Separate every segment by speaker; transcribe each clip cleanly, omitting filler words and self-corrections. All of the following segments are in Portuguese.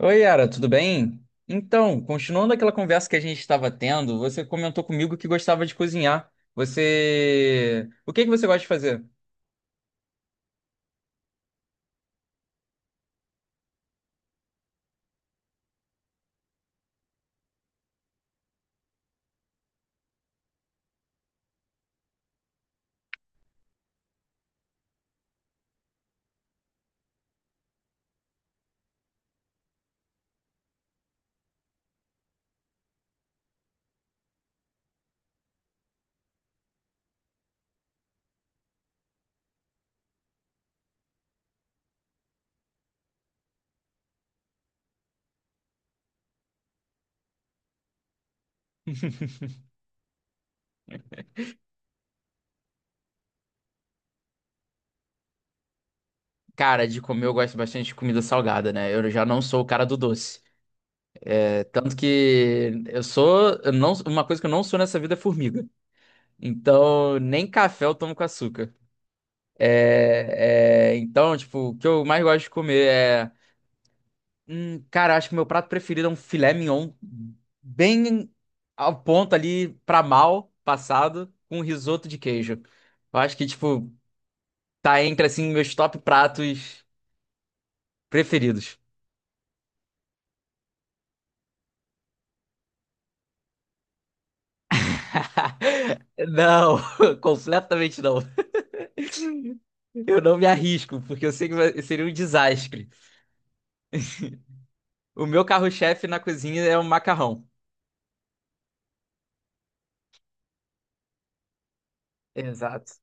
Speaker 1: Oi, Yara, tudo bem? Então, continuando aquela conversa que a gente estava tendo, você comentou comigo que gostava de cozinhar. Você. O que que você gosta de fazer? Cara, de comer eu gosto bastante de comida salgada, né? Eu já não sou o cara do doce. É, tanto que eu sou. Eu não, uma coisa que eu não sou nessa vida é formiga. Então, nem café eu tomo com açúcar. Então, tipo, o que eu mais gosto de comer é. Cara, acho que meu prato preferido é um filé mignon, bem ao ponto ali pra mal passado, com risoto de queijo. Eu acho que, tipo, tá entre, assim, meus top pratos preferidos. Não, completamente não. Eu não me arrisco, porque eu sei que vai- seria um desastre. O meu carro-chefe na cozinha é o macarrão. Exato.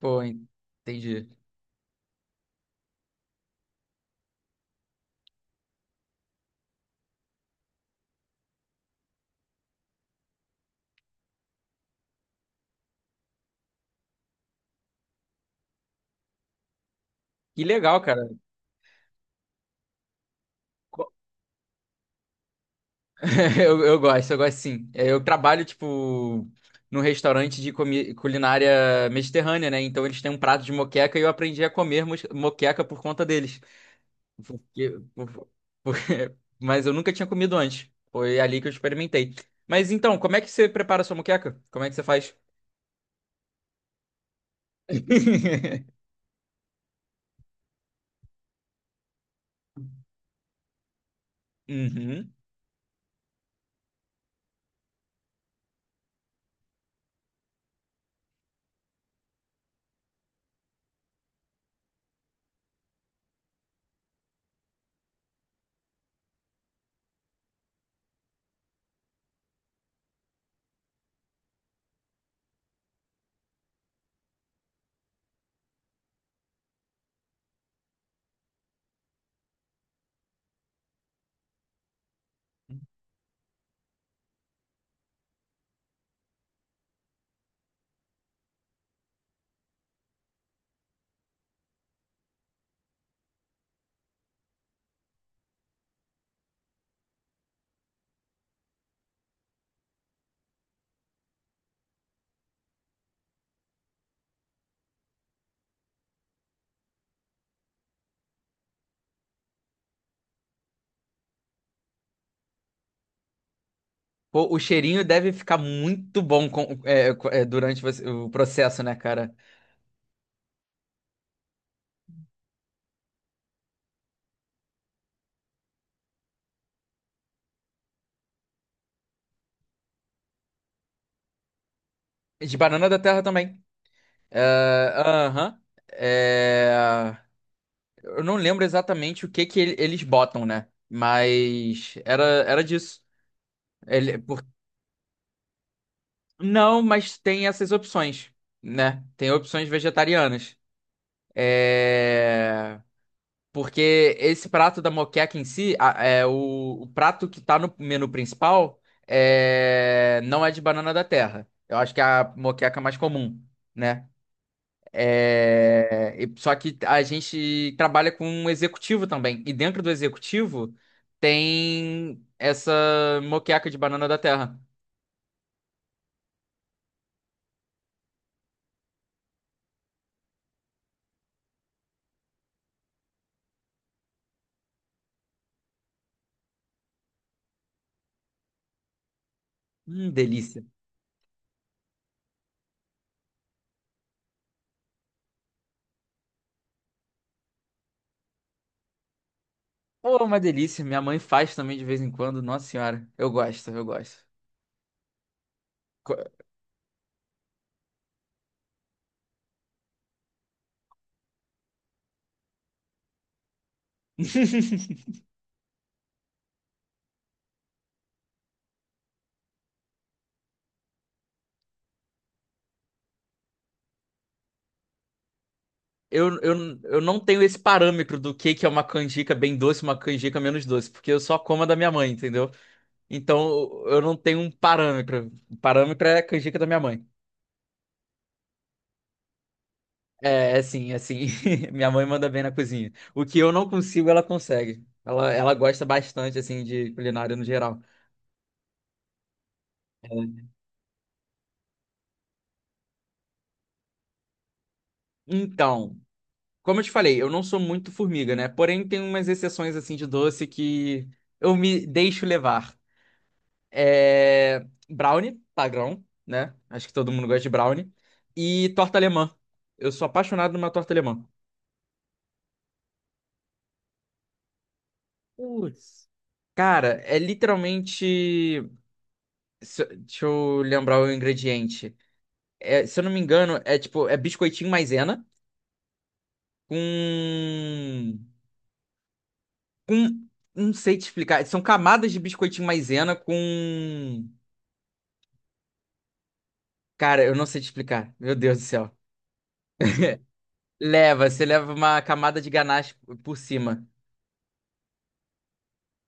Speaker 1: Pô, entendi. Que legal, cara. Eu gosto, eu gosto sim. É, eu trabalho, tipo, num restaurante de comi- culinária mediterrânea, né? Então eles têm um prato de moqueca e eu aprendi a comer mos- moqueca por conta deles. Porque, por- porque- Mas eu nunca tinha comido antes. Foi ali que eu experimentei. Mas então, como é que você prepara a sua moqueca? Como é que você faz? Uhum. Pô, o cheirinho deve ficar muito bom com- é, co- é, durante você- o processo, né, cara? De banana da terra também. É, aham. É, eu não lembro exatamente o que que ele- eles botam, né? Mas era, era disso. Ele, por... Não, mas tem essas opções, né? Tem opções vegetarianas. É... Porque esse prato da moqueca em si, a- é, o prato que tá no menu principal é... não é de banana da terra. Eu acho que é a moqueca mais comum, né? É, e- só que a gente trabalha com um executivo também. E dentro do executivo tem essa moqueca de banana da terra. Delícia. Pô, uma delícia. Minha mãe faz também de vez em quando. Nossa senhora, eu gosto, eu gosto. Co- Eu não tenho esse parâmetro do que é uma canjica bem doce, uma canjica menos doce, porque eu só como a da minha mãe, entendeu? Então eu não tenho um parâmetro. O parâmetro é a canjica da minha mãe. É, é sim, é sim. Minha mãe manda bem na cozinha. O que eu não consigo, ela consegue. Ela gosta bastante, assim, de culinária no geral. É. Então, como eu te falei, eu não sou muito formiga, né? Porém, tem umas exceções, assim, de doce que eu me deixo levar. É... Brownie, padrão, né? Acho que todo mundo gosta de brownie. E torta alemã. Eu sou apaixonado numa torta alemã. Putz. Cara, é literalmente. Se- deixa eu lembrar o ingrediente. É, se eu não me engano, é tipo, é biscoitinho maisena com, com, não sei te explicar, são camadas de biscoitinho maisena com, cara, eu não sei te explicar, meu Deus do céu. Leva, você leva uma camada de ganache por cima.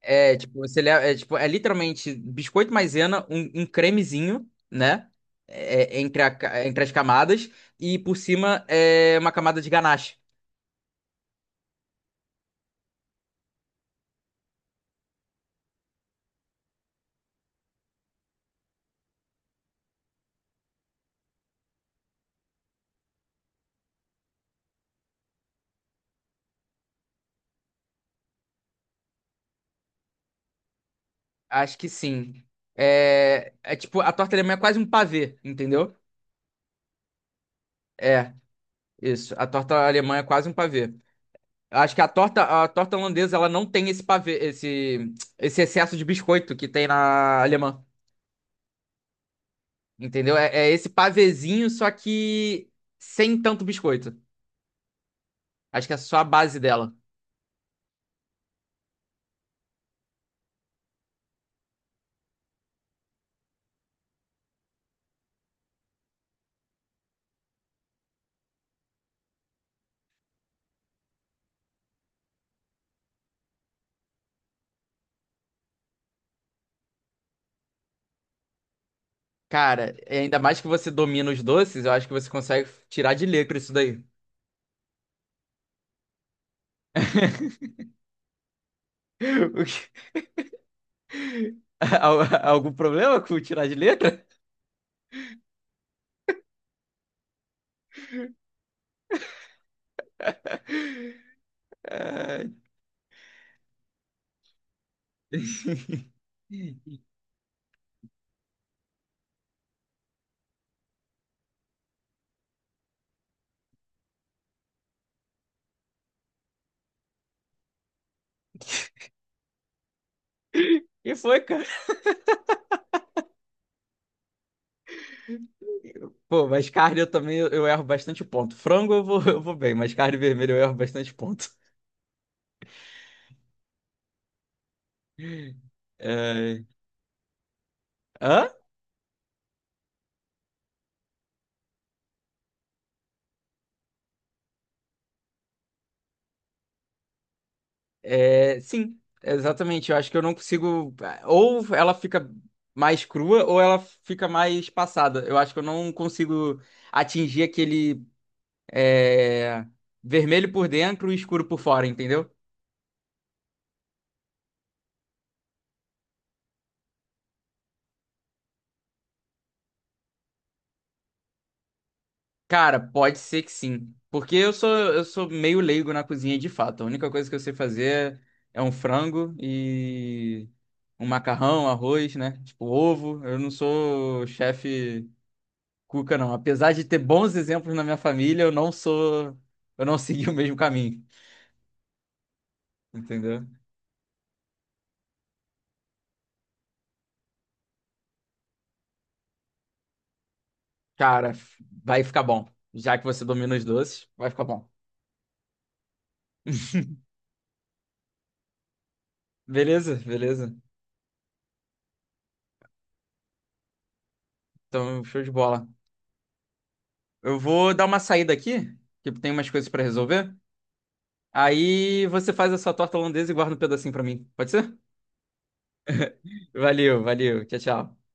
Speaker 1: É tipo, você leva, é, tipo, é literalmente biscoito maisena, um cremezinho, né? Entre, a ca- entre as camadas e por cima é uma camada de ganache. Acho que sim. É, é tipo, a torta alemã é quase um pavê, entendeu? É, isso. A torta alemã é quase um pavê. Eu acho que a torta holandesa, ela não tem esse pavê, esse excesso de biscoito que tem na alemã. Entendeu? É, é esse pavezinho, só que sem tanto biscoito. Acho que é só a base dela. Cara, e ainda mais que você domina os doces, eu acho que você consegue tirar de letra isso daí. O que- Al- Algum problema com tirar de letra? Ah, e foi, cara. Pô, mas carne eu também eu erro bastante ponto. Frango eu vou, eu vou bem, mas carne vermelha eu erro bastante ponto. É... Hã? É, sim, exatamente. Eu acho que eu não consigo. Ou ela fica mais crua, ou ela fica mais passada. Eu acho que eu não consigo atingir aquele é, vermelho por dentro e escuro por fora, entendeu? Cara, pode ser que sim. Porque eu sou meio leigo na cozinha de fato. A única coisa que eu sei fazer é um frango e um macarrão, arroz, né? Tipo, ovo. Eu não sou chefe cuca, não. Apesar de ter bons exemplos na minha família, eu não sou. Eu não segui o mesmo caminho. Entendeu? Cara, vai ficar bom. Já que você domina os doces, vai ficar bom. Beleza, beleza. Então, show de bola. Eu vou dar uma saída aqui, que tem umas coisas pra resolver. Aí você faz a sua torta holandesa e guarda um pedacinho pra mim. Pode ser? Valeu, valeu. Tchau, tchau.